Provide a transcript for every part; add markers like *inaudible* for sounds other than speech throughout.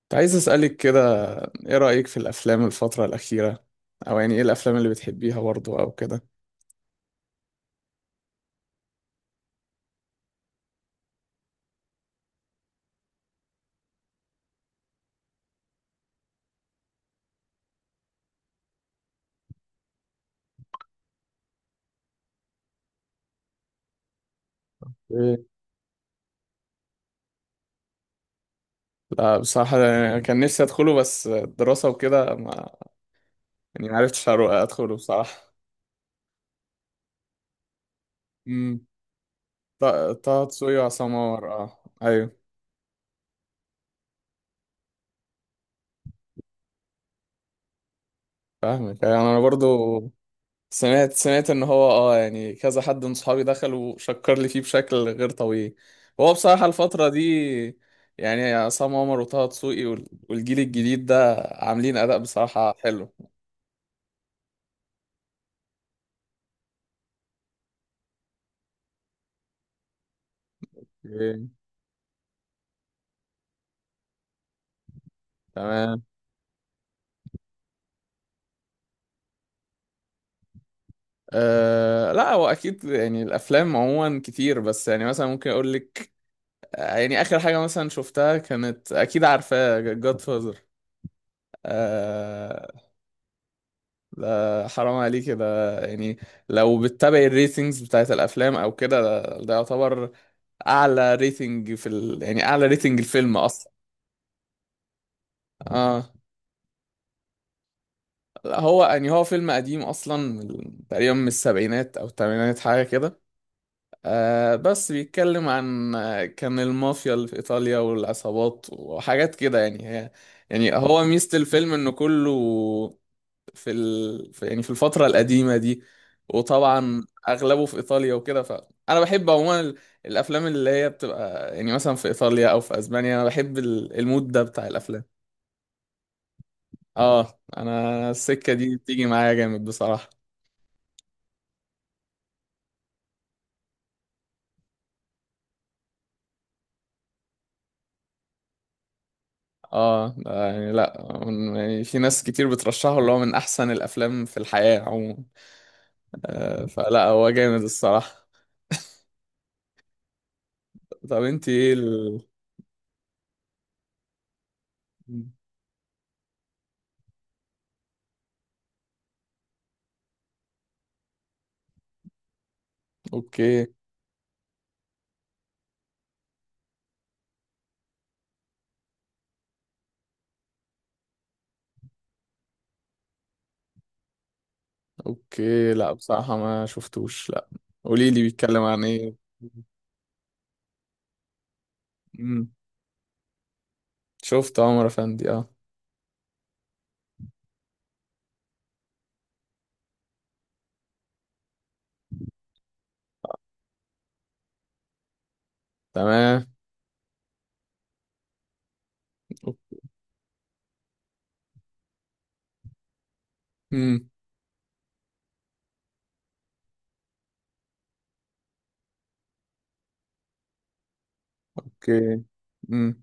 كنت عايز أسألك كده، إيه رأيك في الأفلام الفترة الأخيرة؟ أو يعني إيه الأفلام اللي بتحبيها برضه أو كده؟ ايه. لا بصراحة أنا كان نفسي أدخله، بس الدراسة وكده ما يعني معرفتش أدخله بصراحة. امم. طه دسوقي وعصام عمر، أه أيوه. فاهمك أيوة، أنا برضه سمعت ان هو يعني كذا حد من صحابي دخل وشكر لي فيه بشكل غير طبيعي. هو بصراحة الفترة دي، يعني عصام عمر وطه دسوقي والجيل الجديد ده عاملين اداء بصراحة حلو. اوكي. تمام. أه، لا هو اكيد يعني الافلام عموما كتير، بس يعني مثلا ممكن اقول لك. يعني اخر حاجة مثلا شفتها كانت، اكيد عارفاه، جاد فازر. ده حرام عليك ده، يعني لو بتتابع الريتنجز بتاعت الافلام او كده ده يعتبر اعلى ريتنج يعني اعلى ريتنج الفيلم اصلا. اه لا هو يعني هو فيلم قديم اصلا، تقريبا من السبعينات او الثمانينات حاجه كده. آه، بس بيتكلم عن كان المافيا اللي في ايطاليا والعصابات وحاجات كده، يعني هي يعني هو ميزه الفيلم انه كله في يعني في الفترة القديمة دي. وطبعا أغلبه في إيطاليا وكده، فأنا بحب عموما الأفلام اللي هي بتبقى يعني مثلا في إيطاليا أو في أسبانيا. أنا بحب المود ده بتاع الأفلام. أنا السكة دي بتيجي معايا جامد بصراحة. ده يعني لأ، يعني في ناس كتير بترشحه اللي هو من أحسن الأفلام في الحياة عموما. فلأ هو جامد الصراحة. طب أنت إيه أوكي. اوكي. لا بصراحة ما شفتوش، لا. قولي لي بيتكلم عن ايه. امم. شفت عمر افندي اه. تمام. امم. اوكي. امم.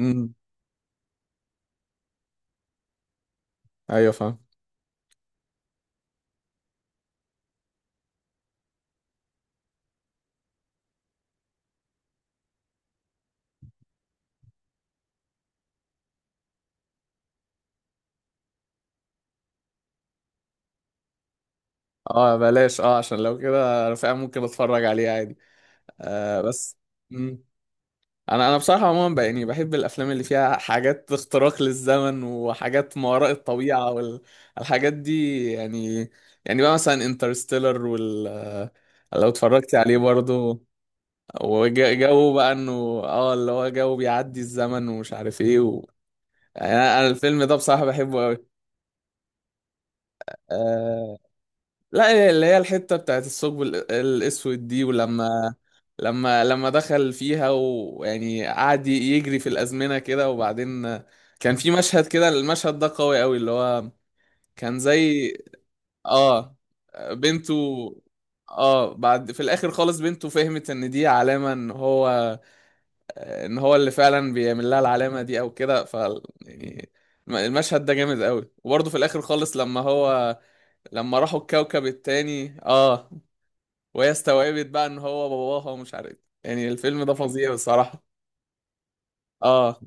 امم. ايوه فاهم. اه بلاش، عشان لو كده انا فعلا ممكن اتفرج عليه عادي. آه بس. امم. انا بصراحة عموما بقى يعني بحب الافلام اللي فيها حاجات اختراق للزمن وحاجات ما وراء الطبيعة والحاجات دي يعني. يعني بقى مثلا انترستيلر، وال آه، لو اتفرجتي عليه برضو. وجو بقى انه، اه اللي هو جو بيعدي الزمن ومش عارف ايه يعني انا الفيلم ده بصراحة بحبه قوي. آه... لا اللي هي الحتة بتاعت الثقب الاسود دي، ولما لما دخل فيها ويعني قعد يجري في الازمنة كده. وبعدين كان في مشهد كده، المشهد ده قوي قوي، اللي هو كان زي اه بنته. اه، بعد في الاخر خالص بنته فهمت ان دي علامة ان هو اللي فعلا بيعمل لها العلامه دي او كده. ف يعني المشهد ده جامد قوي. وبرضه في الاخر خالص لما هو لما راحوا الكوكب التاني اه، وهي استوعبت بقى ان هو باباها ومش عارف إيه. يعني الفيلم ده فظيع بصراحه. اه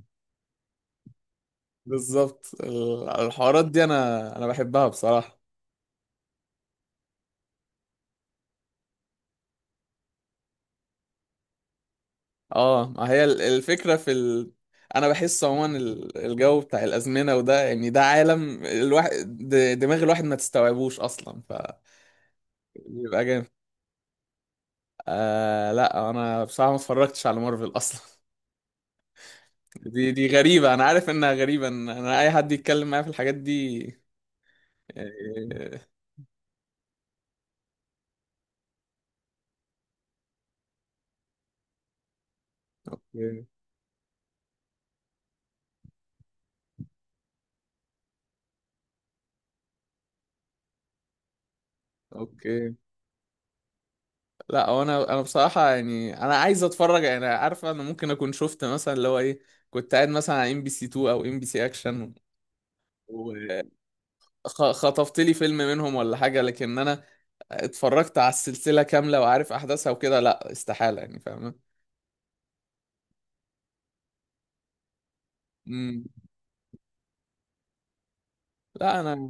بالظبط، الحوارات دي انا بحبها بصراحه. اه ما هي الفكره انا بحس عموما الجو بتاع الازمنه وده، يعني ده عالم الواحد، دماغ الواحد ما تستوعبوش اصلا، فبيبقى جامد. لا انا بصراحه ما اتفرجتش على مارفل اصلا *laughs* دي غريبه، انا عارف انها غريبه إن انا اي حد يتكلم معايا في الحاجات دي. آه، اوكي. اوكي. لا هو انا بصراحه، يعني انا عايز اتفرج. يعني عارف انا ممكن اكون شفت مثلا اللي هو ايه، كنت قاعد مثلا على ام بي سي 2 او ام بي سي اكشن، وخطفت لي فيلم منهم ولا حاجه. لكن انا اتفرجت على السلسله كامله وعارف احداثها وكده، لا استحاله، يعني فاهم. مم. لا انا،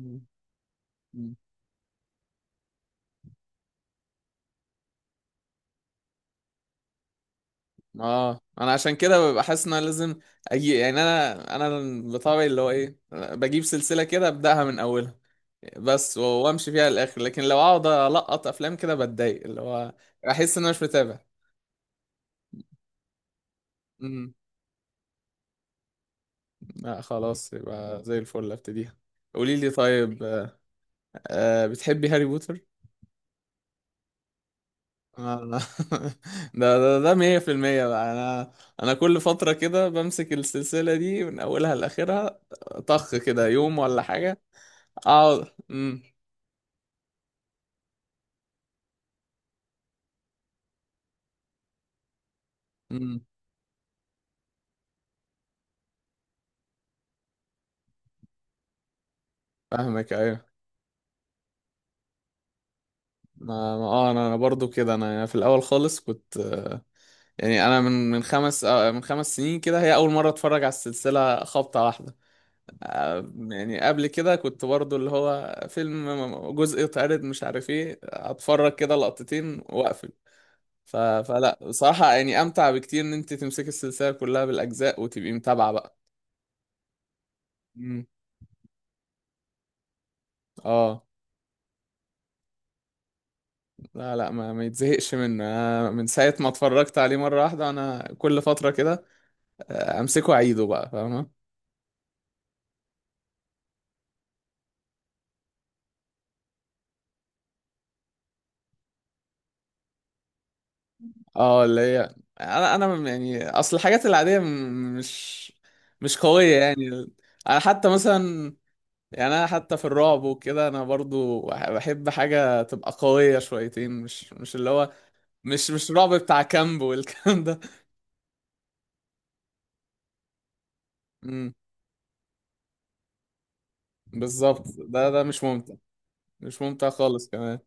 اه انا عشان كده ببقى حاسس ان انا لازم اجي. يعني انا بطبعي اللي هو ايه، بجيب سلسله كده ابداها من اولها بس وامشي فيها للاخر. لكن لو اقعد القط افلام كده بتضايق، اللي هو احس ان انا مش متابع. امم. لا خلاص يبقى زي الفل، ابتديها. قولي لي طيب بتحبي هاري بوتر؟ آه، *laughs* ده 100% بقى. انا، انا كل فتره كده بمسك السلسله دي من اولها لاخرها، طخ كده يوم ولا حاجه. اه. امم. امم. فاهمك ايوه. انا برضو كده، انا يعني في الاول خالص كنت، يعني انا من 5 سنين كده هي اول مره اتفرج على السلسله خبطه واحده. يعني قبل كده كنت برضو اللي هو فيلم جزء اتعرض مش عارف ايه، اتفرج كده لقطتين واقفل. فلا بصراحه يعني امتع بكتير ان انت تمسكي السلسله كلها بالاجزاء وتبقي متابعه بقى. امم. اه لا لا، ما يتزهقش منه. أنا من ساعة ما اتفرجت عليه مرة واحدة أنا كل فترة كده أمسكه أعيده بقى، فاهمة. اه اللي هي، أنا يعني أصل الحاجات العادية مش قوية يعني. أنا حتى مثلا، يعني أنا حتى في الرعب وكده أنا برضو بحب حاجة تبقى قوية شويتين، مش اللي هو مش رعب بتاع كامب والكلام ده. امم بالظبط، ده مش ممتع. مش ممتع خالص كمان.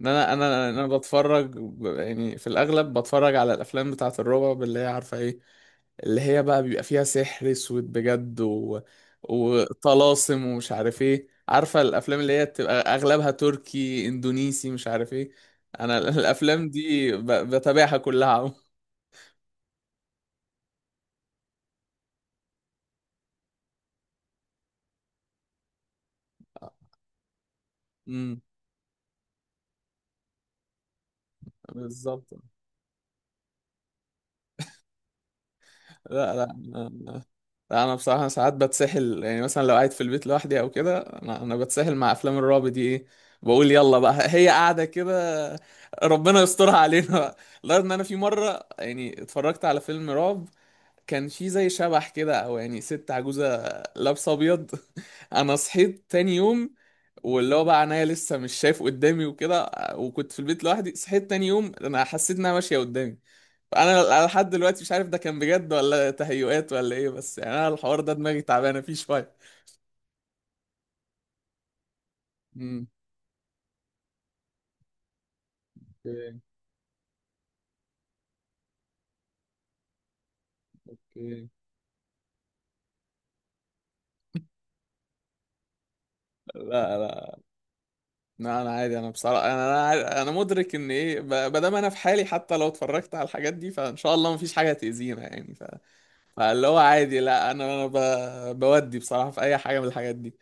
ان انا بتفرج، يعني في الاغلب بتفرج على الافلام بتاعه الرعب اللي هي عارفه ايه، اللي هي بقى بيبقى فيها سحر اسود بجد وطلاسم ومش عارف ايه. عارفه الافلام اللي هي بتبقى اغلبها تركي، اندونيسي، مش عارف ايه. انا *laughs* الافلام دي بتابعها كلها *laughs* عم. امم بالظبط. لا لا لا، انا بصراحه ساعات بتسحل. يعني مثلا لو قاعد في البيت لوحدي او كده، انا بتسحل مع افلام الرعب دي. ايه، بقول يلا بقى *laughs* هي قاعده كده، ربنا يسترها علينا بقى. لدرجه ان انا في مره، يعني اتفرجت على فيلم رعب كان في زي شبح كده، او يعني ست عجوزه لابسه ابيض *laughs* انا صحيت تاني يوم، واللي هو بقى عينيا لسه مش شايف قدامي وكده، وكنت في البيت لوحدي، صحيت تاني يوم انا حسيت انها ماشيه قدامي. انا لحد دلوقتي مش عارف ده كان بجد ولا تهيؤات ولا ايه، بس يعني انا الحوار ده دماغي تعبانه فيه شويه. امم. اوكي. اوكي. لا لا لا، انا عادي. انا بصراحه انا مدرك ان ايه، ما دام انا في حالي حتى لو اتفرجت على الحاجات دي فان شاء الله مفيش حاجه تاذينا يعني. فاللي هو عادي. لا بودي بصراحه في اي حاجه من الحاجات دي.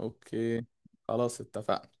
اوكي خلاص اتفقنا.